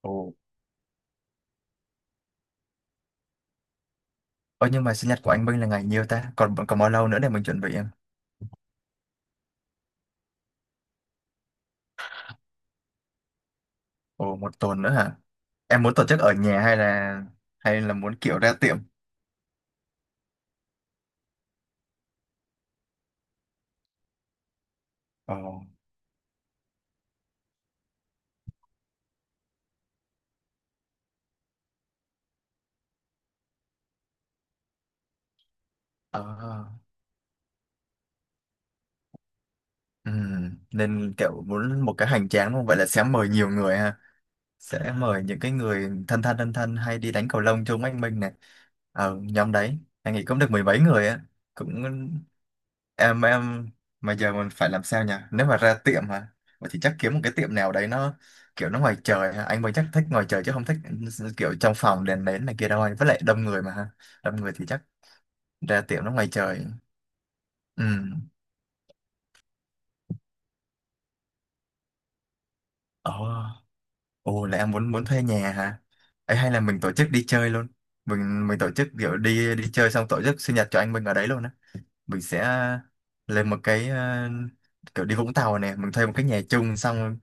Ồ. Ơ nhưng mà sinh nhật của anh Minh là ngày nhiêu ta? Còn còn bao lâu nữa để mình chuẩn bị em? Ồ một tuần nữa hả? Em muốn tổ chức ở nhà hay là muốn kiểu ra tiệm? Ồ. Ờ. Ừ. Nên kiểu muốn một cái hoành tráng đúng không? Vậy là sẽ mời nhiều người ha. Sẽ mời những cái người thân thân thân thân hay đi đánh cầu lông chung với anh Minh này, ở nhóm đấy anh nghĩ cũng được mười mấy người á, cũng em mà giờ mình phải làm sao nhỉ nếu mà ra tiệm hả. Vậy thì chắc kiếm một cái tiệm nào đấy nó kiểu nó ngoài trời hả? Anh mới chắc thích ngoài trời chứ không thích kiểu trong phòng đèn nến này kia đâu anh, với lại đông người mà ha, đông người thì chắc ra tiệm nó ngoài trời. Ừ. Ồ. Ồ là em muốn muốn thuê nhà hả? Ấy hay là mình tổ chức đi chơi luôn. Mình tổ chức kiểu đi đi chơi xong tổ chức sinh nhật cho anh mình ở đấy luôn á. Mình sẽ lên một cái kiểu đi Vũng Tàu này, mình thuê một cái nhà chung, xong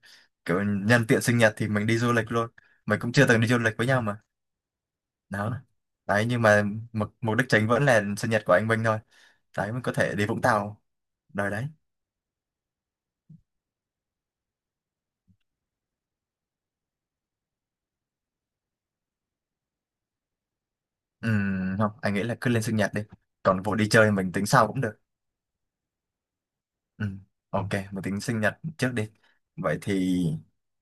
kiểu nhân tiện sinh nhật thì mình đi du lịch luôn. Mình cũng chưa từng đi du lịch với nhau mà. Đó. Đấy nhưng mà mục mục đích chính vẫn là sinh nhật của anh Minh thôi. Đấy mình có thể đi Vũng Tàu đời đấy. Không, anh nghĩ là cứ lên sinh nhật đi. Còn vụ đi chơi mình tính sau cũng được. Ừ. Ok, một tính sinh nhật trước đi. Vậy thì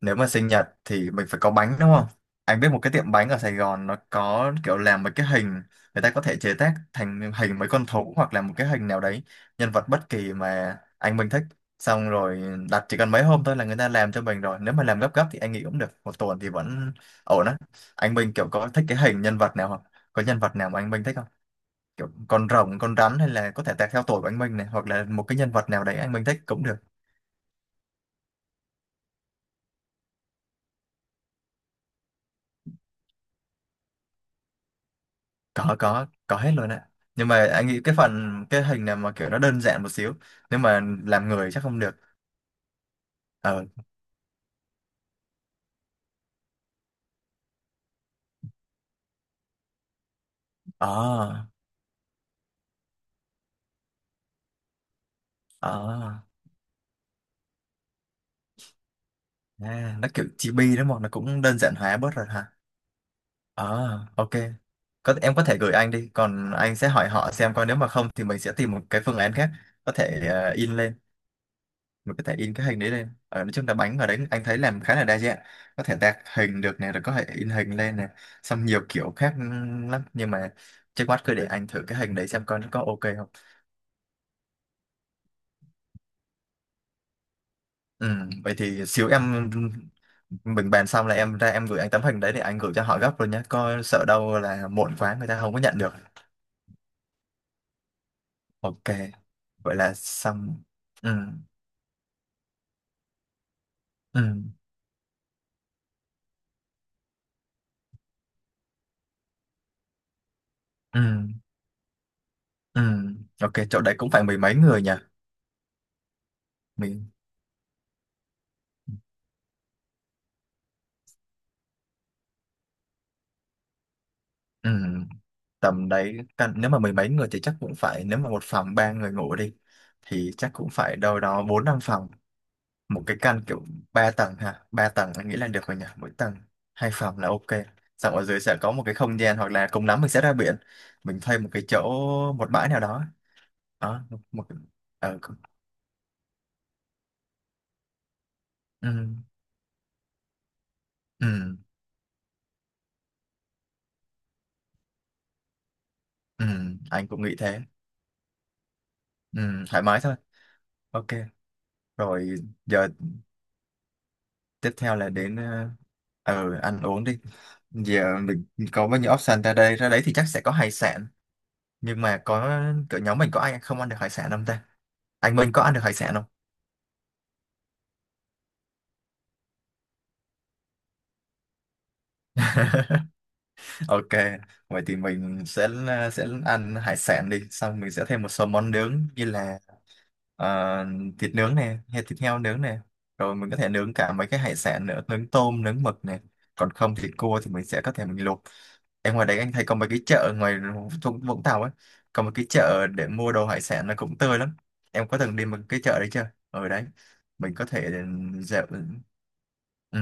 nếu mà sinh nhật thì mình phải có bánh đúng không? Anh biết một cái tiệm bánh ở Sài Gòn nó có kiểu làm một cái hình, người ta có thể chế tác thành hình mấy con thú hoặc là một cái hình nào đấy, nhân vật bất kỳ mà anh mình thích. Xong rồi đặt chỉ cần mấy hôm thôi là người ta làm cho mình rồi. Nếu mà làm gấp gấp thì anh nghĩ cũng được. Một tuần thì vẫn ổn á. Anh Minh kiểu có thích cái hình nhân vật nào không? Có nhân vật nào mà anh Minh thích kiểu con rồng con rắn, hay là có thể tạc theo tuổi của anh Minh này, hoặc là một cái nhân vật nào đấy anh Minh thích cũng được. Có có hết luôn ạ, nhưng mà anh nghĩ cái phần cái hình này mà kiểu nó đơn giản một xíu, nếu mà làm người chắc không được. Ờ. Ờ. Ờ. À, nó kiểu chibi đó mà nó cũng đơn giản hóa bớt rồi hả. Ờ. Ok, có em có thể gửi anh đi, còn anh sẽ hỏi họ xem coi, nếu mà không thì mình sẽ tìm một cái phương án khác, có thể in lên, mình có thể in cái hình đấy lên. Ở nói chung là bánh ở đấy anh thấy làm khá là đa dạng, có thể tạc hình được này, rồi có thể in hình lên này, xong nhiều kiểu khác lắm, nhưng mà trước mắt cứ để anh thử cái hình đấy xem coi nó có ok không. Ừ, vậy thì xíu em, mình bàn xong là em ra em gửi anh tấm hình đấy để anh gửi cho họ gấp rồi nhé, coi sợ đâu là muộn quá người ta không có nhận được. Ok vậy là xong. Ừ, ừ, ừ, ừ. Ok, chỗ đấy cũng phải mười mấy người nhỉ, mình. Ừ. Tầm đấy căn, nếu mà mười mấy người thì chắc cũng phải, nếu mà một phòng ba người ngủ đi thì chắc cũng phải đâu đó bốn năm phòng, một cái căn kiểu ba tầng ha. Ba tầng anh nghĩ là được rồi nhỉ, mỗi tầng hai phòng là ok, xong ở dưới sẽ có một cái không gian, hoặc là cùng lắm mình sẽ ra biển, mình thuê một cái chỗ, một bãi nào đó, đó, một cái- ờ cũng- ừ, ừ, ừ, anh cũng nghĩ thế. Ừ, thoải mái thôi. Ok rồi, giờ tiếp theo là đến ăn uống đi. Giờ mình có bao nhiêu option, ra đây ra đấy thì chắc sẽ có hải sản, nhưng mà có cỡ nhóm mình có ai không ăn được hải sản không ta? Anh Minh có ăn được hải sản không? Ok, vậy thì mình sẽ sẽ ăn hải sản đi, xong mình sẽ thêm một số món nướng như là ờ, thịt nướng này, hay thịt heo nướng này, rồi mình có thể nướng cả mấy cái hải sản nữa, nướng tôm nướng mực này, còn không thì cua thì mình sẽ có thể mình luộc. Em ngoài đấy anh thấy có mấy cái chợ ngoài Vũng Vũng Tàu ấy, có một cái chợ để mua đồ hải sản là cũng tươi lắm. Em có từng đi một cái chợ đấy chưa? Ở đấy mình có thể dạo. Ừ, ừ,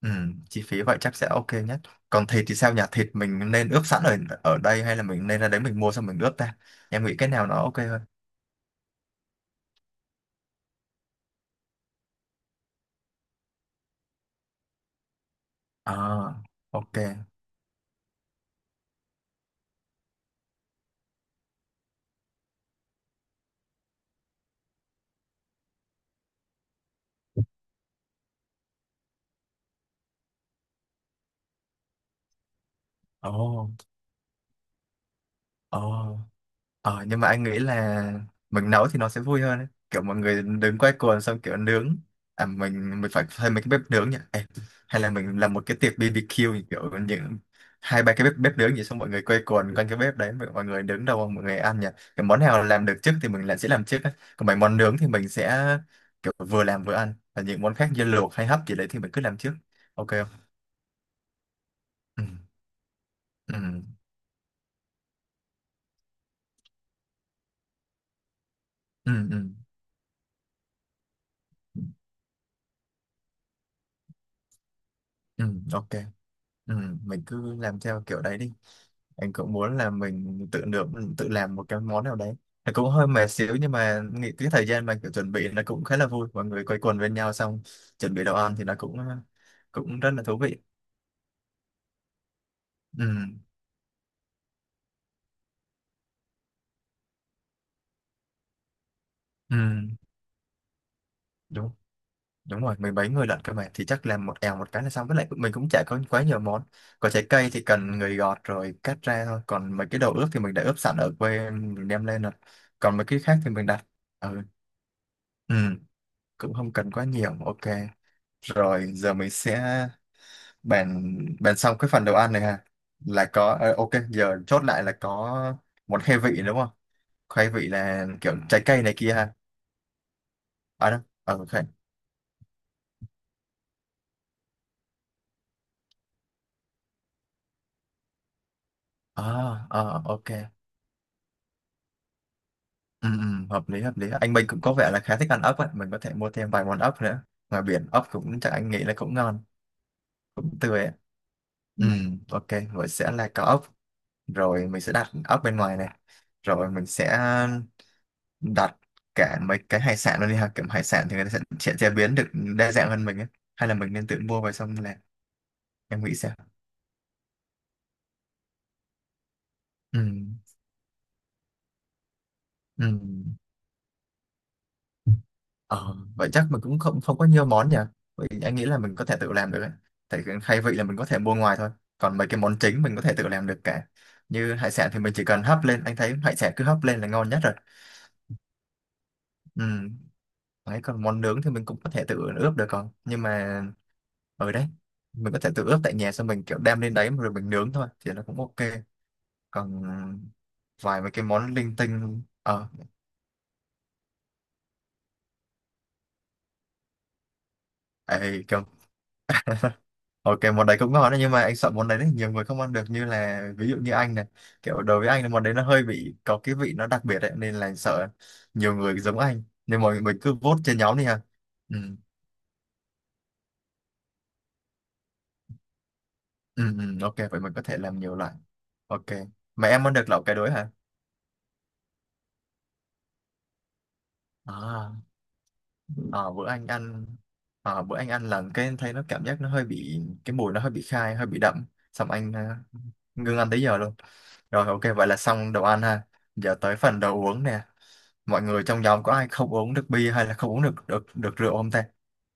ừ, chi phí vậy chắc sẽ ok nhất. Còn thịt thì sao nhỉ? Thịt mình nên ướp sẵn ở ở đây, hay là mình nên ra đấy mình mua xong mình ướp ta? Em nghĩ cái nào nó ok hơn? À, ok. Ồ, oh, ờ, nhưng mà anh nghĩ là mình nấu thì nó sẽ vui hơn ấy. Kiểu mọi người đứng quay cuồng xong kiểu nướng, à mình phải thuê mấy cái bếp nướng nhỉ. Ê, hay là mình làm một cái tiệc BBQ như kiểu những hai ba cái bếp bếp nướng vậy, xong mọi người quay cuồng quanh cái bếp đấy, mọi mọi người đứng đầu mọi người ăn nhỉ. Cái món nào làm được trước thì mình lại sẽ làm trước ấy, còn mấy món nướng thì mình sẽ kiểu vừa làm vừa ăn, và những món khác như luộc hay hấp gì đấy thì mình cứ làm trước, ok không? Ừ ừ ừ ừ, ừ. Ừ, ok. Ừ, mình cứ làm theo kiểu đấy đi. Anh cũng muốn là mình tự nướng, tự làm một cái món nào đấy, nó cũng hơi mệt xíu nhưng mà nghĩ cái thời gian mà kiểu chuẩn bị nó cũng khá là vui, mọi người quây quần bên nhau xong chuẩn bị đồ ăn thì nó cũng cũng rất là thú vị. Ừ, ừ, đúng. Đúng rồi, mười mấy người lận cơ mà, thì chắc làm một èo một cái là xong, với lại mình cũng chả có quá nhiều món, có trái cây thì cần người gọt rồi cắt ra thôi, còn mấy cái đồ ướp thì mình đã ướp sẵn ở quê mình đem lên rồi, còn mấy cái khác thì mình đặt. Ừ, ừ, cũng không cần quá nhiều. Ok, rồi giờ mình sẽ bạn bạn xong cái phần đồ ăn này ha, là có ok giờ chốt lại là có một khai vị đúng không? Khai vị là kiểu trái cây này kia ha. À đâu? Ờ khai. À, à, ok. Ừ, ừ, hợp lý hợp lý. Anh Minh cũng có vẻ là khá thích ăn ốc ấy, mình có thể mua thêm vài món ốc nữa. Ngoài biển ốc cũng chắc anh nghĩ là cũng ngon, cũng tươi ấy. Ừ. Ừ, ok, vậy sẽ là có ốc, rồi mình sẽ đặt ốc bên ngoài này. Rồi mình sẽ đặt cả mấy cái hải sản luôn đi ha, kiểu hải sản thì người ta sẽ chế biến được đa dạng hơn mình ấy, hay là mình nên tự mua về xong làm, em nghĩ sao? Ừ. Ừ. Ờ, vậy chắc mình cũng không không có nhiều món nhỉ, vậy anh nghĩ là mình có thể tự làm được ấy. Tại cái khai vị là mình có thể mua ngoài thôi, còn mấy cái món chính mình có thể tự làm được cả, như hải sản thì mình chỉ cần hấp lên, anh thấy hải sản cứ hấp lên là ngon nhất rồi. Ừ. Đấy, còn món nướng thì mình cũng có thể tự ướp được, còn nhưng mà ở đấy mình có thể tự ướp tại nhà, xong mình kiểu đem lên đấy rồi mình nướng thôi thì nó cũng ok. Còn vài mấy cái món linh tinh ấy kiểu, ok món đấy cũng ngon đấy, nhưng mà anh sợ món đấy nhiều người không ăn được, như là ví dụ như anh này, kiểu đối với anh là món đấy nó hơi bị có cái vị nó đặc biệt đấy, nên là sợ nhiều người giống anh, nên mọi người cứ vote trên nhóm đi ha. Ừ. Ừ, ừ, ok vậy mình có thể làm nhiều loại. Ok, mà em ăn được lẩu cái đối hả? À. Ờ, bữa anh ăn bữa anh ăn là, cái em thấy nó cảm giác nó hơi bị cái mùi, nó hơi bị khai hơi bị đậm, xong anh ngưng ăn tới giờ luôn. Rồi ok vậy là xong đồ ăn ha. Giờ tới phần đồ uống nè, mọi người trong nhóm có ai không uống được bia, hay là không uống được được được rượu không ta?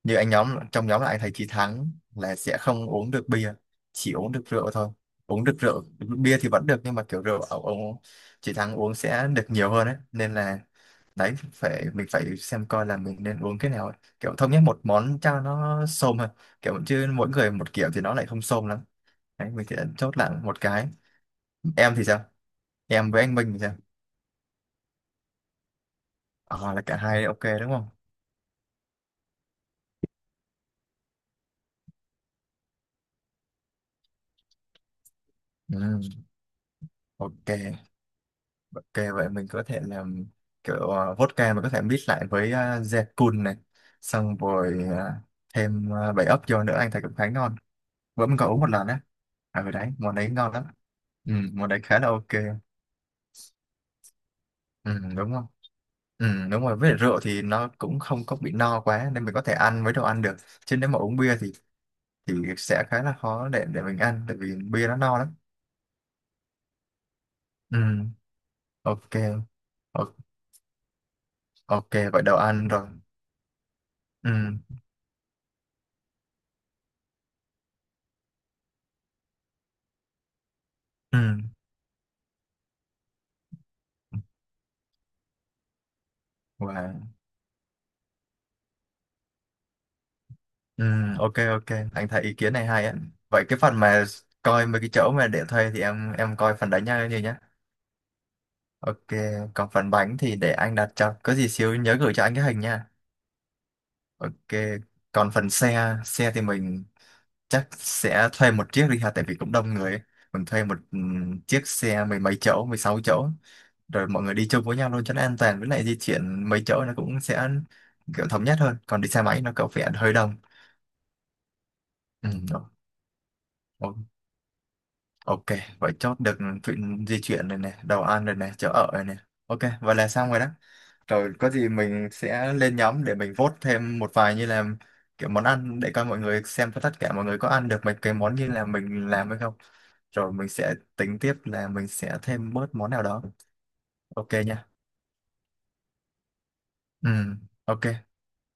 Như anh, nhóm trong nhóm là anh thấy chị Thắng là sẽ không uống được bia, chỉ uống được rượu thôi. Uống được rượu, bia thì vẫn được nhưng mà kiểu rượu ông chị Thắng uống sẽ được nhiều hơn ấy, nên là đấy phải mình phải xem coi là mình nên uống cái nào ấy, kiểu thống nhất một món cho nó xôm hơn, kiểu chứ mỗi người một kiểu thì nó lại không xôm lắm. Đấy mình sẽ chốt lại một cái. Em thì sao? Em với anh Minh thì sao? À, là cả hai ok đúng không? Ừ, ok. Ok, vậy mình có thể làm kiểu vodka mình có thể mix lại với Zekun này, xong rồi thêm bảy ốc vô nữa anh thấy cũng khá ngon, bữa mình có uống một lần á, ở đấy món đấy ngon lắm. Ừ, món đấy khá là ok. Ừ, đúng không? Ừ, đúng rồi, với lại rượu thì nó cũng không có bị no quá nên mình có thể ăn với đồ ăn được. Chứ nếu mà uống bia thì sẽ khá là khó để mình ăn, tại vì bia nó no lắm. Ừ, ok. O- Ok, vậy đồ ăn rồi. Ừ, ừ, wow. Ừ, ok ok. Anh thấy ý kiến này hay á. Vậy cái phần mà coi mấy cái chỗ mà để thuê thì em coi phần đấy nha như nhá. Ok, còn phần bánh thì để anh đặt cho. Có gì xíu nhớ gửi cho anh cái hình nha. Ok, còn phần xe thì mình chắc sẽ thuê một chiếc đi ha, tại vì cũng đông người ấy, mình thuê một chiếc xe mười mấy chỗ, 16 chỗ, rồi mọi người đi chung với nhau luôn cho nó an toàn, với lại di chuyển mấy chỗ nó cũng sẽ kiểu thống nhất hơn, còn đi xe máy nó có vẻ hơi đông. Ừ, o- ok vậy chốt được chuyện di chuyển rồi nè, đồ ăn rồi nè, chỗ ở rồi nè, ok vậy là xong rồi đó. Rồi có gì mình sẽ lên nhóm để mình vote thêm một vài như là kiểu món ăn, để coi mọi người xem tất cả mọi người có ăn được mấy cái món như là mình làm hay không. Rồi mình sẽ tính tiếp là mình sẽ thêm bớt món nào đó. Ok nha. Ừ, ok.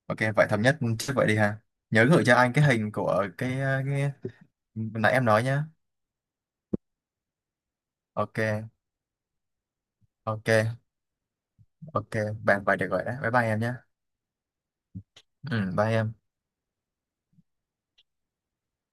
Ok, vậy thống nhất trước vậy đi ha. Nhớ gửi cho anh cái hình của cái, cái nãy em nói nhá. Ok, ok, ok. Bàn vậy được rồi đấy. Bye bye em nhá. Ừ, bye em.